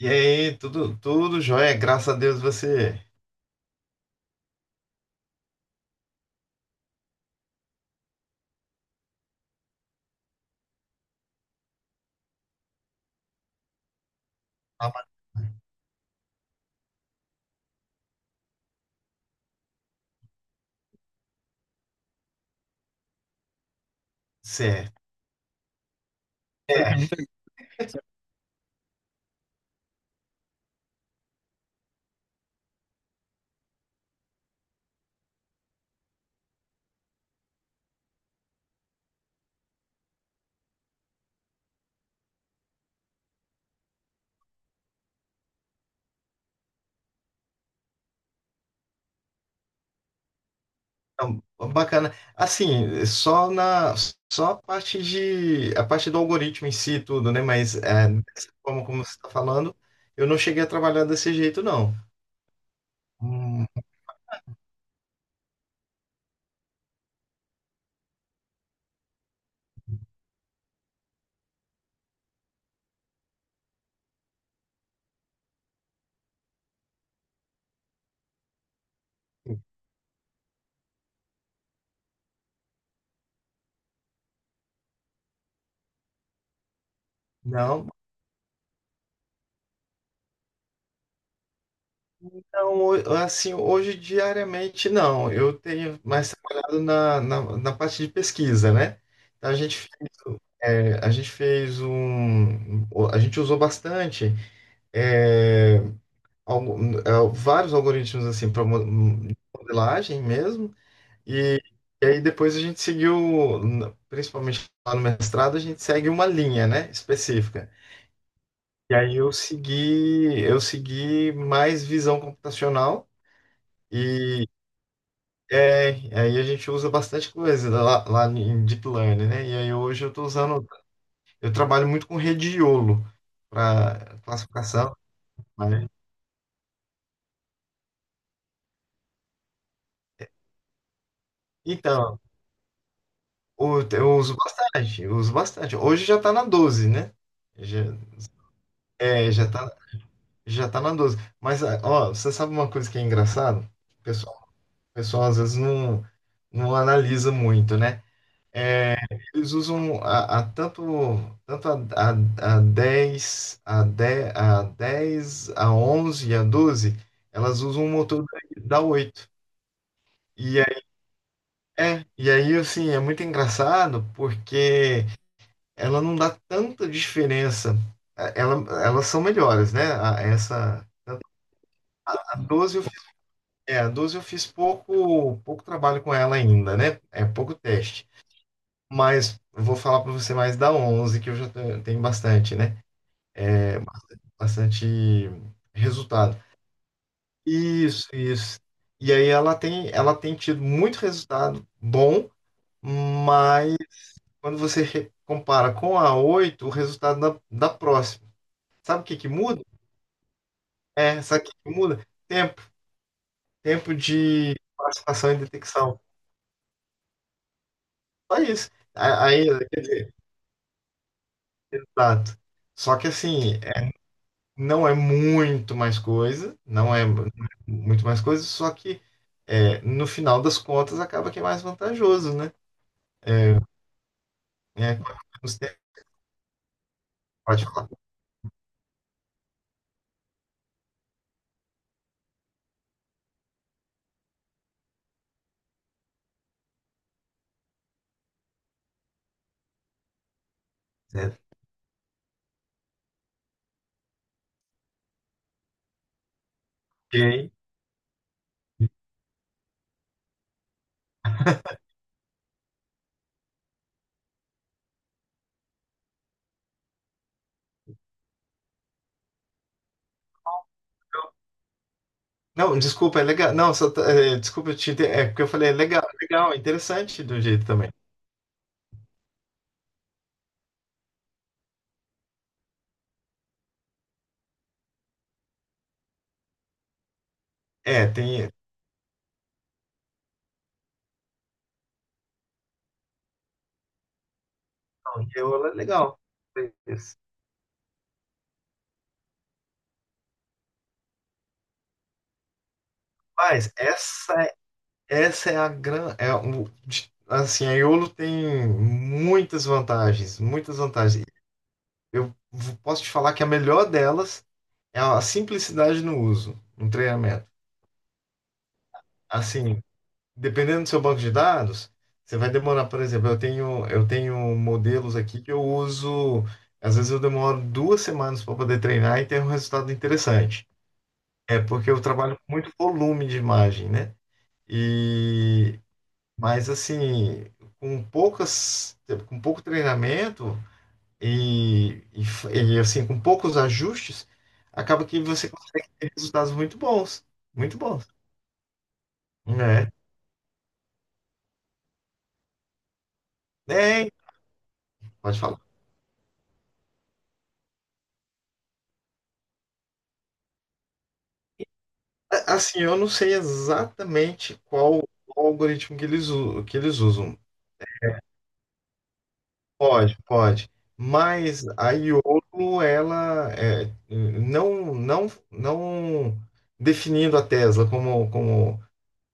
E aí, tudo jóia, graças a Deus. Você tá certo. É, então, bacana. Assim, só a parte do algoritmo em si e tudo, né? Mas é, dessa forma como você está falando, eu não cheguei a trabalhar desse jeito, não. Hum. Não. Então, assim, hoje diariamente não, eu tenho mais trabalhado na, parte de pesquisa, né? Então, é, a gente fez um, a gente usou bastante é, algu- vários algoritmos assim para modelagem mesmo, e, e aí depois a gente seguiu, principalmente lá no mestrado. A gente segue uma linha, né, específica. E aí eu segui mais visão computacional. É, aí a gente usa bastante coisa lá em Deep Learning, né? E aí hoje eu trabalho muito com rede de YOLO para classificação, né? Então, eu uso bastante. Hoje já está na 12, né? Já, é, já tá, já tá na 12. Mas, ah, ó, você sabe uma coisa que é engraçada? O pessoal, o pessoal às vezes não analisa muito, né? Eles usam a tanto, tanto a 10, a 10 a 10 a 11 a 12. Elas usam um motor da 8. E aí, e aí, assim, é muito engraçado porque ela não dá tanta diferença. Eh, Ela, elas são melhores, né? A 12 eu fiz, a 12 eu fiz pouco trabalho com ela ainda, né? É pouco teste. Mas eu vou falar para você mais da 11, que eu já tenho bastante, né? Bastante resultado. Isso, isso. E aí ela tem tido muito resultado bom, mas quando você compara com a 8 o resultado da, próxima. Sabe o que que muda? É, sabe o que que muda? Tempo. Tempo de participação e detecção. Só isso. Aí, exato. Só que assim, não é muito mais coisa, não é mu- muito mais coisa, só que, no final das contas, acaba que é mais vantajoso, né? É, é, não, pode falar. Certo. Ok. Não, desculpa, é legal. Não, só, desculpa, é porque eu falei, é legal, é interessante do jeito também. É, tem. Não, é legal. É isso. Mas essa é a grande. É, assim, a Iolo tem muitas vantagens, muitas vantagens. Posso te falar que a melhor delas é a simplicidade no uso, no treinamento. Assim, dependendo do seu banco de dados, você vai demorar, por exemplo, eu tenho modelos aqui que eu uso, às vezes eu demoro 2 semanas para poder treinar e ter um resultado interessante. É porque eu trabalho com muito volume de imagem, né? E mas assim, com poucas, com pouco treinamento assim, com poucos ajustes, acaba que você consegue ter resultados muito bons, né? É, pode falar. Assim, eu não sei exatamente qual o algoritmo que que eles usam. Pode, pode. Mas a Iolo, não, não, não definindo a Tesla como, como,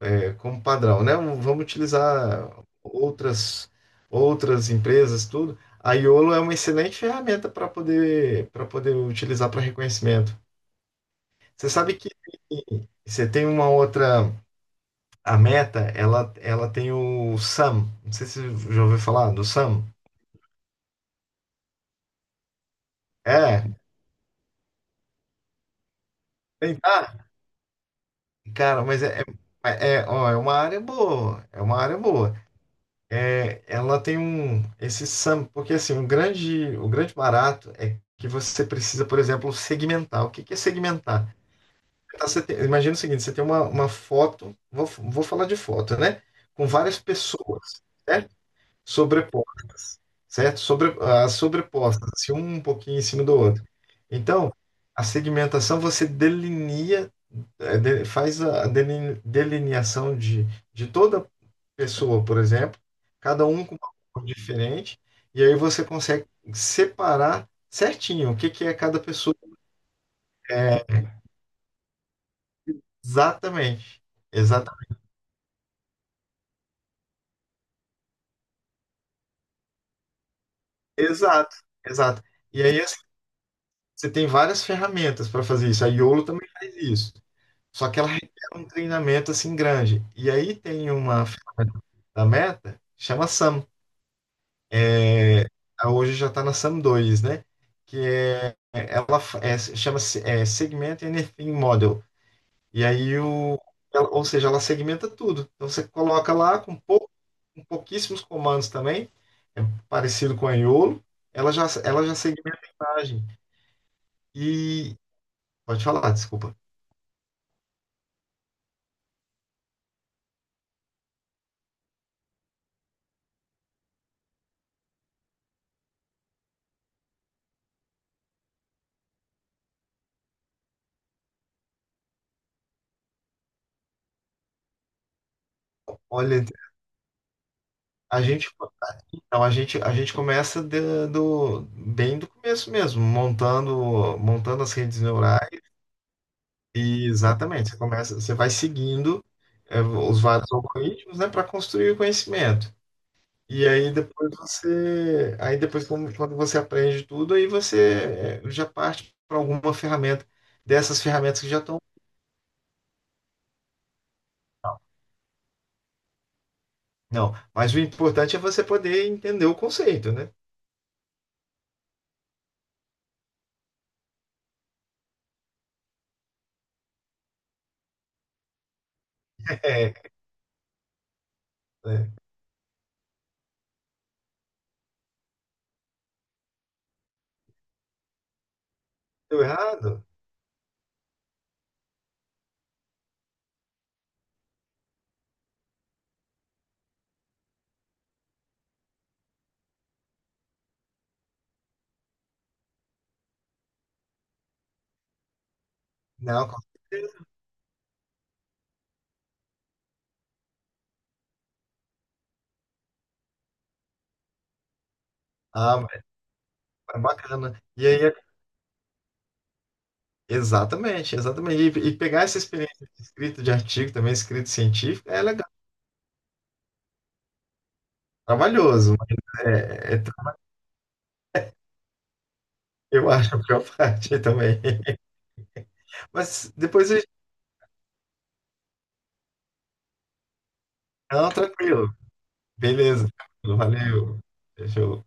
é, como padrão, né? Vamos utilizar outras, outras empresas, tudo. A Iolo é uma excelente ferramenta para poder utilizar para reconhecimento. Você sabe que você tem uma outra. A Meta, ela tem o Sam. Não sei se você já ouviu falar do Sam. É. Ah, cara, mas ó, é uma área boa. É uma área boa. É, ela tem esse Sam, porque assim, o grande barato é que você precisa, por exemplo, segmentar. O que que é segmentar? Tá, imagina o seguinte, você tem uma foto, vou falar de foto, né? Com várias pessoas, certo? As sobrepostas, assim, um pouquinho em cima do outro. Então, a segmentação você delinea, faz a delineação de toda pessoa, por exemplo, cada um com uma cor diferente, e aí você consegue separar certinho o que que é cada pessoa. É, exatamente. Exata, exato, exato. E aí assim, você tem várias ferramentas para fazer isso. A Iolo também faz isso. Só que ela requer um treinamento assim grande. E aí tem uma ferramenta da Meta, chama SAM. É. Hoje já está na SAM 2, né? Que é, ela é, chama-se Segment Anything Model. E aí, ou seja, ela segmenta tudo. Então você coloca lá com pouquíssimos comandos também, é parecido com a Iolo, ela já segmenta a imagem. E pode falar, desculpa. Olha, a gente a gente começa bem do começo mesmo, montando as redes neurais e exatamente, você vai seguindo os vários algoritmos, né, para construir o conhecimento. E aí depois aí depois quando você aprende tudo, aí já parte para alguma ferramenta dessas ferramentas que já estão. Não, mas o importante é você poder entender o conceito, né? É, né? Deu errado? Não, com certeza. Ah, é bacana. E aí Exatamente, exatamente. E pegar essa experiência de escrita de artigo, também escrita científica, é legal, trabalhoso, mas eu acho a pior parte também. Mas depois a gente. Não, tranquilo. Beleza, tranquilo, valeu. Fechou.